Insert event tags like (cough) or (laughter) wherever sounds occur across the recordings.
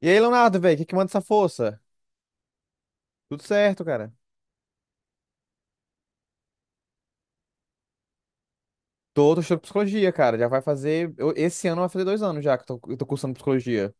E aí, Leonardo, velho, o que que manda essa força? Tudo certo, cara. Tô estudando psicologia, cara. Já vai fazer. Eu- Esse ano vai fazer 2 anos já que eu tô cursando psicologia.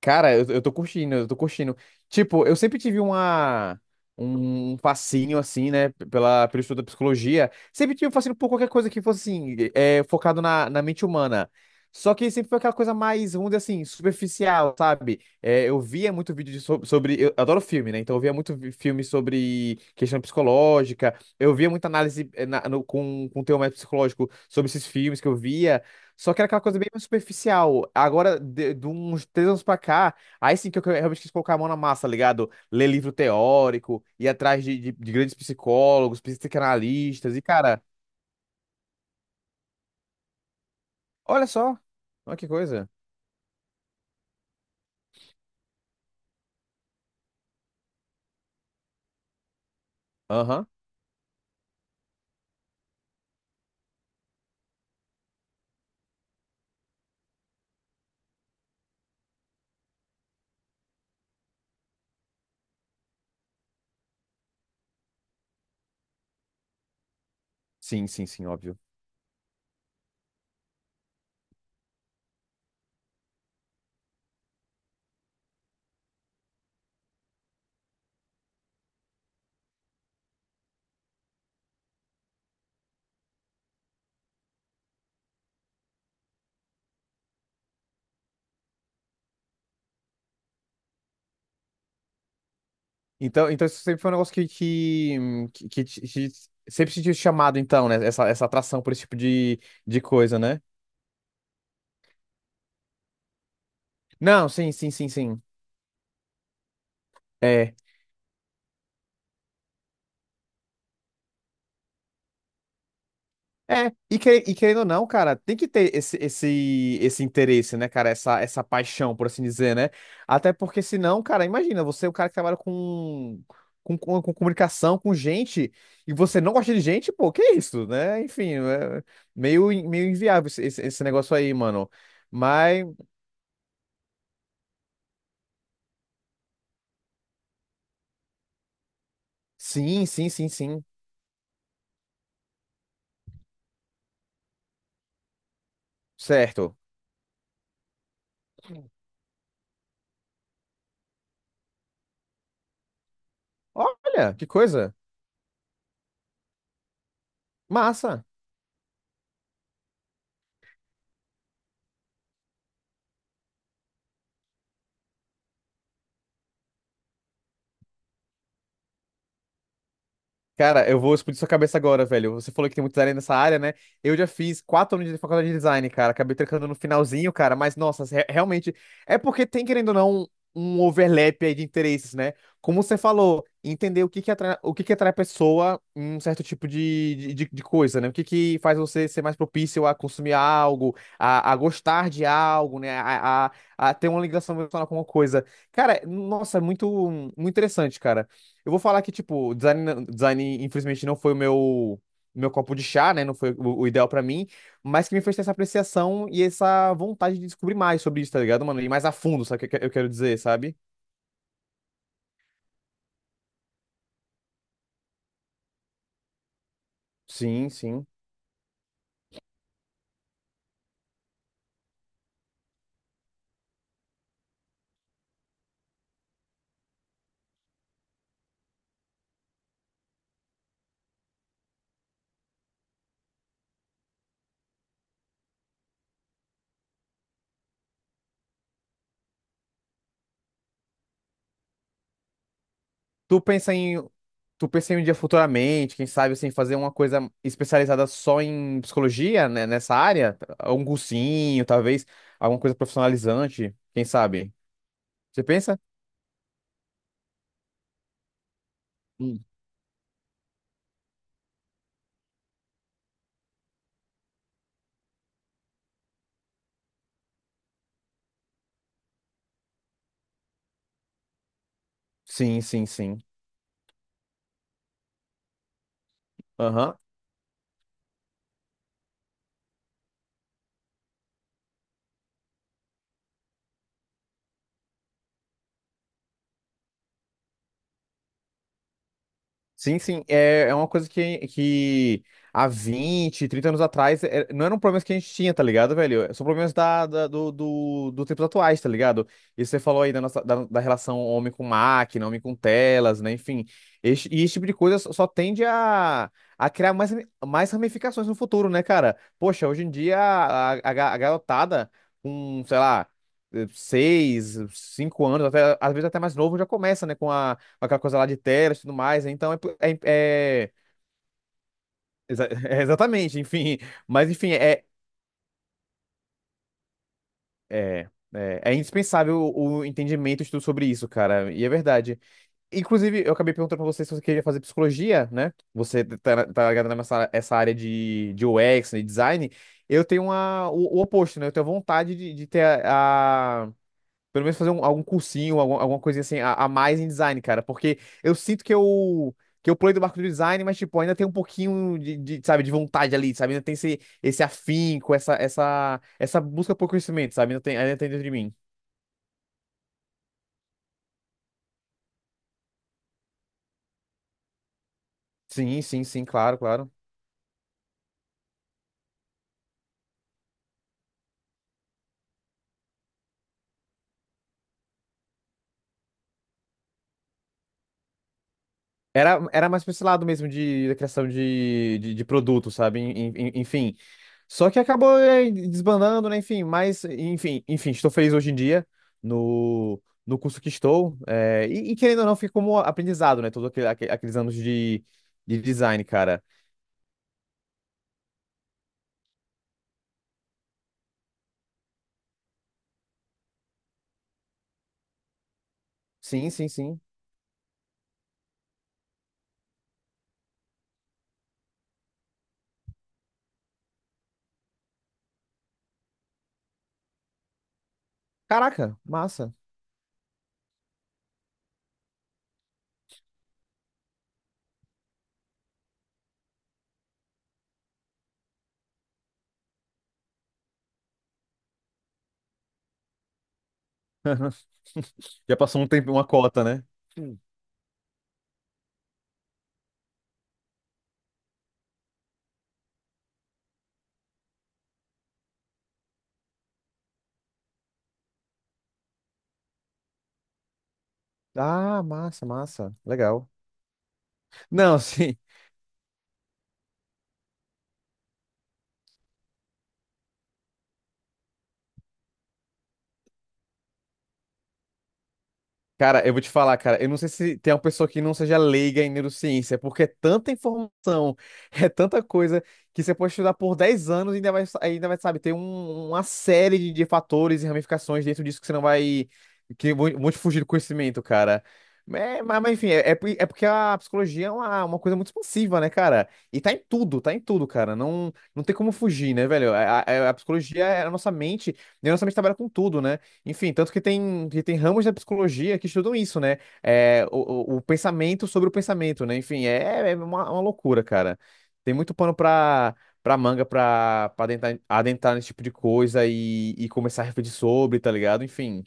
Cara, eu tô curtindo, eu tô curtindo. Tipo, eu sempre tive um fascínio, assim, né, pelo estudo da psicologia. Sempre tive um fascínio por qualquer coisa que fosse, assim, focado na mente humana. Só que sempre foi aquela coisa mais, vamos dizer assim, superficial, sabe? Eu via muito vídeo de sobre. Eu adoro filme, né? Então eu via muito filme sobre questão psicológica. Eu via muita análise com teor mais psicológico sobre esses filmes que eu via. Só que era aquela coisa bem mais superficial. Agora, de uns 3 anos pra cá, aí sim que eu realmente quis colocar a mão na massa, tá ligado? Ler livro teórico, ir atrás de grandes psicólogos, psicanalistas, e cara, olha só, olha que coisa. Aham. Sim, sim, sim, óbvio. Então isso sempre foi um negócio que sempre sentiu chamado, então, né? Essa atração por esse tipo de coisa, né? Não, sim, sim, sim, sim. é e querendo ou não, cara, tem que ter esse interesse, né, cara? Essa paixão, por assim dizer, né? Até porque senão, cara, imagina, você é um cara que trabalha com comunicação, com gente, e você não gosta de gente, pô, que isso, né? Enfim, é meio inviável esse negócio aí, mano. Mas, sim, sim, sim, sim, certo. Olha, que coisa. Massa. Cara, eu vou explodir sua cabeça agora, velho. Você falou que tem muito design nessa área, né? Eu já fiz 4 anos de faculdade de design, cara. Acabei trancando no finalzinho, cara. Mas, nossa, realmente. É porque tem, querendo ou não, um overlap aí de interesses, né? Como você falou, entender o que que atrai, o que que atrai a pessoa em um certo tipo de coisa, né? O que que faz você ser mais propício a consumir algo, a gostar de algo, né? A ter uma ligação emocional com uma coisa. Cara, nossa, é muito, muito interessante, cara. Eu vou falar que, tipo, design, design infelizmente não foi o meu copo de chá, né? Não foi o ideal pra mim, mas que me fez ter essa apreciação e essa vontade de descobrir mais sobre isso, tá ligado, mano? E mais a fundo, sabe o que eu quero dizer, sabe? Sim, sim. Tu pensa em, tu pensa em um dia futuramente, quem sabe, assim, fazer uma coisa especializada só em psicologia, né, nessa área? Um cursinho, talvez, alguma coisa profissionalizante, quem sabe? Você pensa? Hum. Sim, sim, sim. Aham. Sim, sim, é uma coisa que há 20 30 anos atrás não eram problemas que a gente tinha, tá ligado, velho? São problemas do tempos atuais, tá ligado? E você falou aí nossa, da relação homem com máquina, homem com telas, né? Enfim, esse tipo de coisa só tende a criar mais ramificações no futuro, né, cara? Poxa, hoje em dia a garotada com, sei lá, 6, 5 anos, até, às vezes até mais novo, já começa, né, com a aquela coisa lá de telas e tudo mais. Né? Então (laughs) é exatamente, enfim. Mas enfim, é indispensável o entendimento e estudo sobre isso, cara. E é verdade. Inclusive, eu acabei perguntando pra você se você queria fazer psicologia, né? Você tá ligado nessa essa área de UX, né, design. Eu tenho o oposto, né? Eu tenho vontade de ter a- pelo menos fazer algum cursinho, alguma coisinha assim, a mais em design, cara. Porque eu sinto que eu pulei do barco do design, mas, tipo, ainda tem um pouquinho sabe, de vontade ali, sabe? Ainda tem esse afinco, essa busca por conhecimento, sabe? Ainda tem dentro de mim. Sim, sim, sim, claro, claro. Era mais pra esse lado mesmo da criação de produto, sabe? Enfim. Só que acabou desbandando, né? Enfim, mas, enfim, estou feliz hoje em dia no, no curso que estou. E querendo ou não, fica como aprendizado, né? Todos aqueles anos de design, cara. Sim, sim, sim. Caraca, massa. (laughs) Já passou um tempo, uma cota, né? Hum. Ah, massa, massa. Legal. Não, (laughs) sim. Cara, eu vou te falar, cara, eu não sei se tem uma pessoa que não seja leiga em neurociência, é porque é tanta informação, (laughs) é tanta coisa, que você pode estudar por 10 anos e ainda vai, sabe, ter uma série de fatores e ramificações dentro disso que você não vai, que vão te fugir do conhecimento, cara. É, mas, enfim, é porque a psicologia é uma coisa muito expansiva, né, cara? E tá em tudo, cara. Não, não tem como fugir, né, velho? A psicologia é a nossa mente, e a nossa mente trabalha com tudo, né? Enfim, tanto que tem, ramos da psicologia que estudam isso, né? É, o pensamento sobre o pensamento, né? Enfim, é uma loucura, cara. Tem muito pano pra manga pra adentrar nesse tipo de coisa e começar a refletir sobre, tá ligado? Enfim.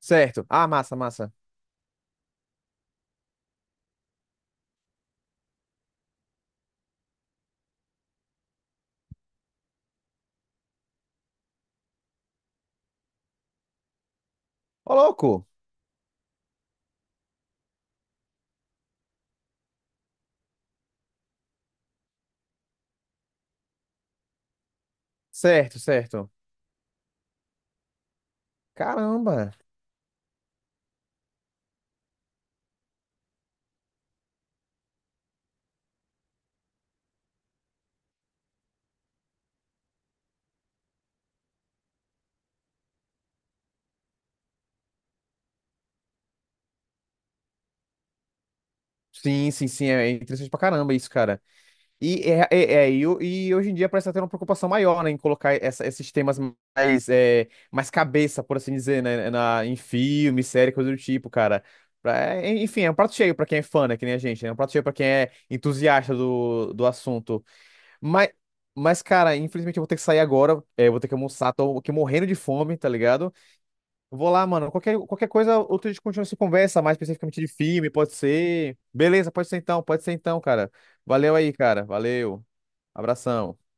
Certo. Ah, massa, massa. Ô, louco! Certo, certo. Caramba. Sim, sim, sim. É interessante pra caramba isso, cara. E hoje em dia parece até uma preocupação maior, né, em colocar esses temas mais cabeça, por assim dizer, né, em filme, série, coisa do tipo, cara. Enfim, é um prato cheio pra quem é fã, né, que nem a gente, né, é um prato cheio pra quem é entusiasta do assunto. Mas, mas, cara, infelizmente eu vou ter que sair agora, eu vou ter que almoçar, tô aqui morrendo de fome, tá ligado? Vou lá, mano, qualquer coisa, outro dia a gente continua essa conversa, mais especificamente de filme, pode ser. Beleza, pode ser então, cara. Valeu aí, cara, valeu. Abração.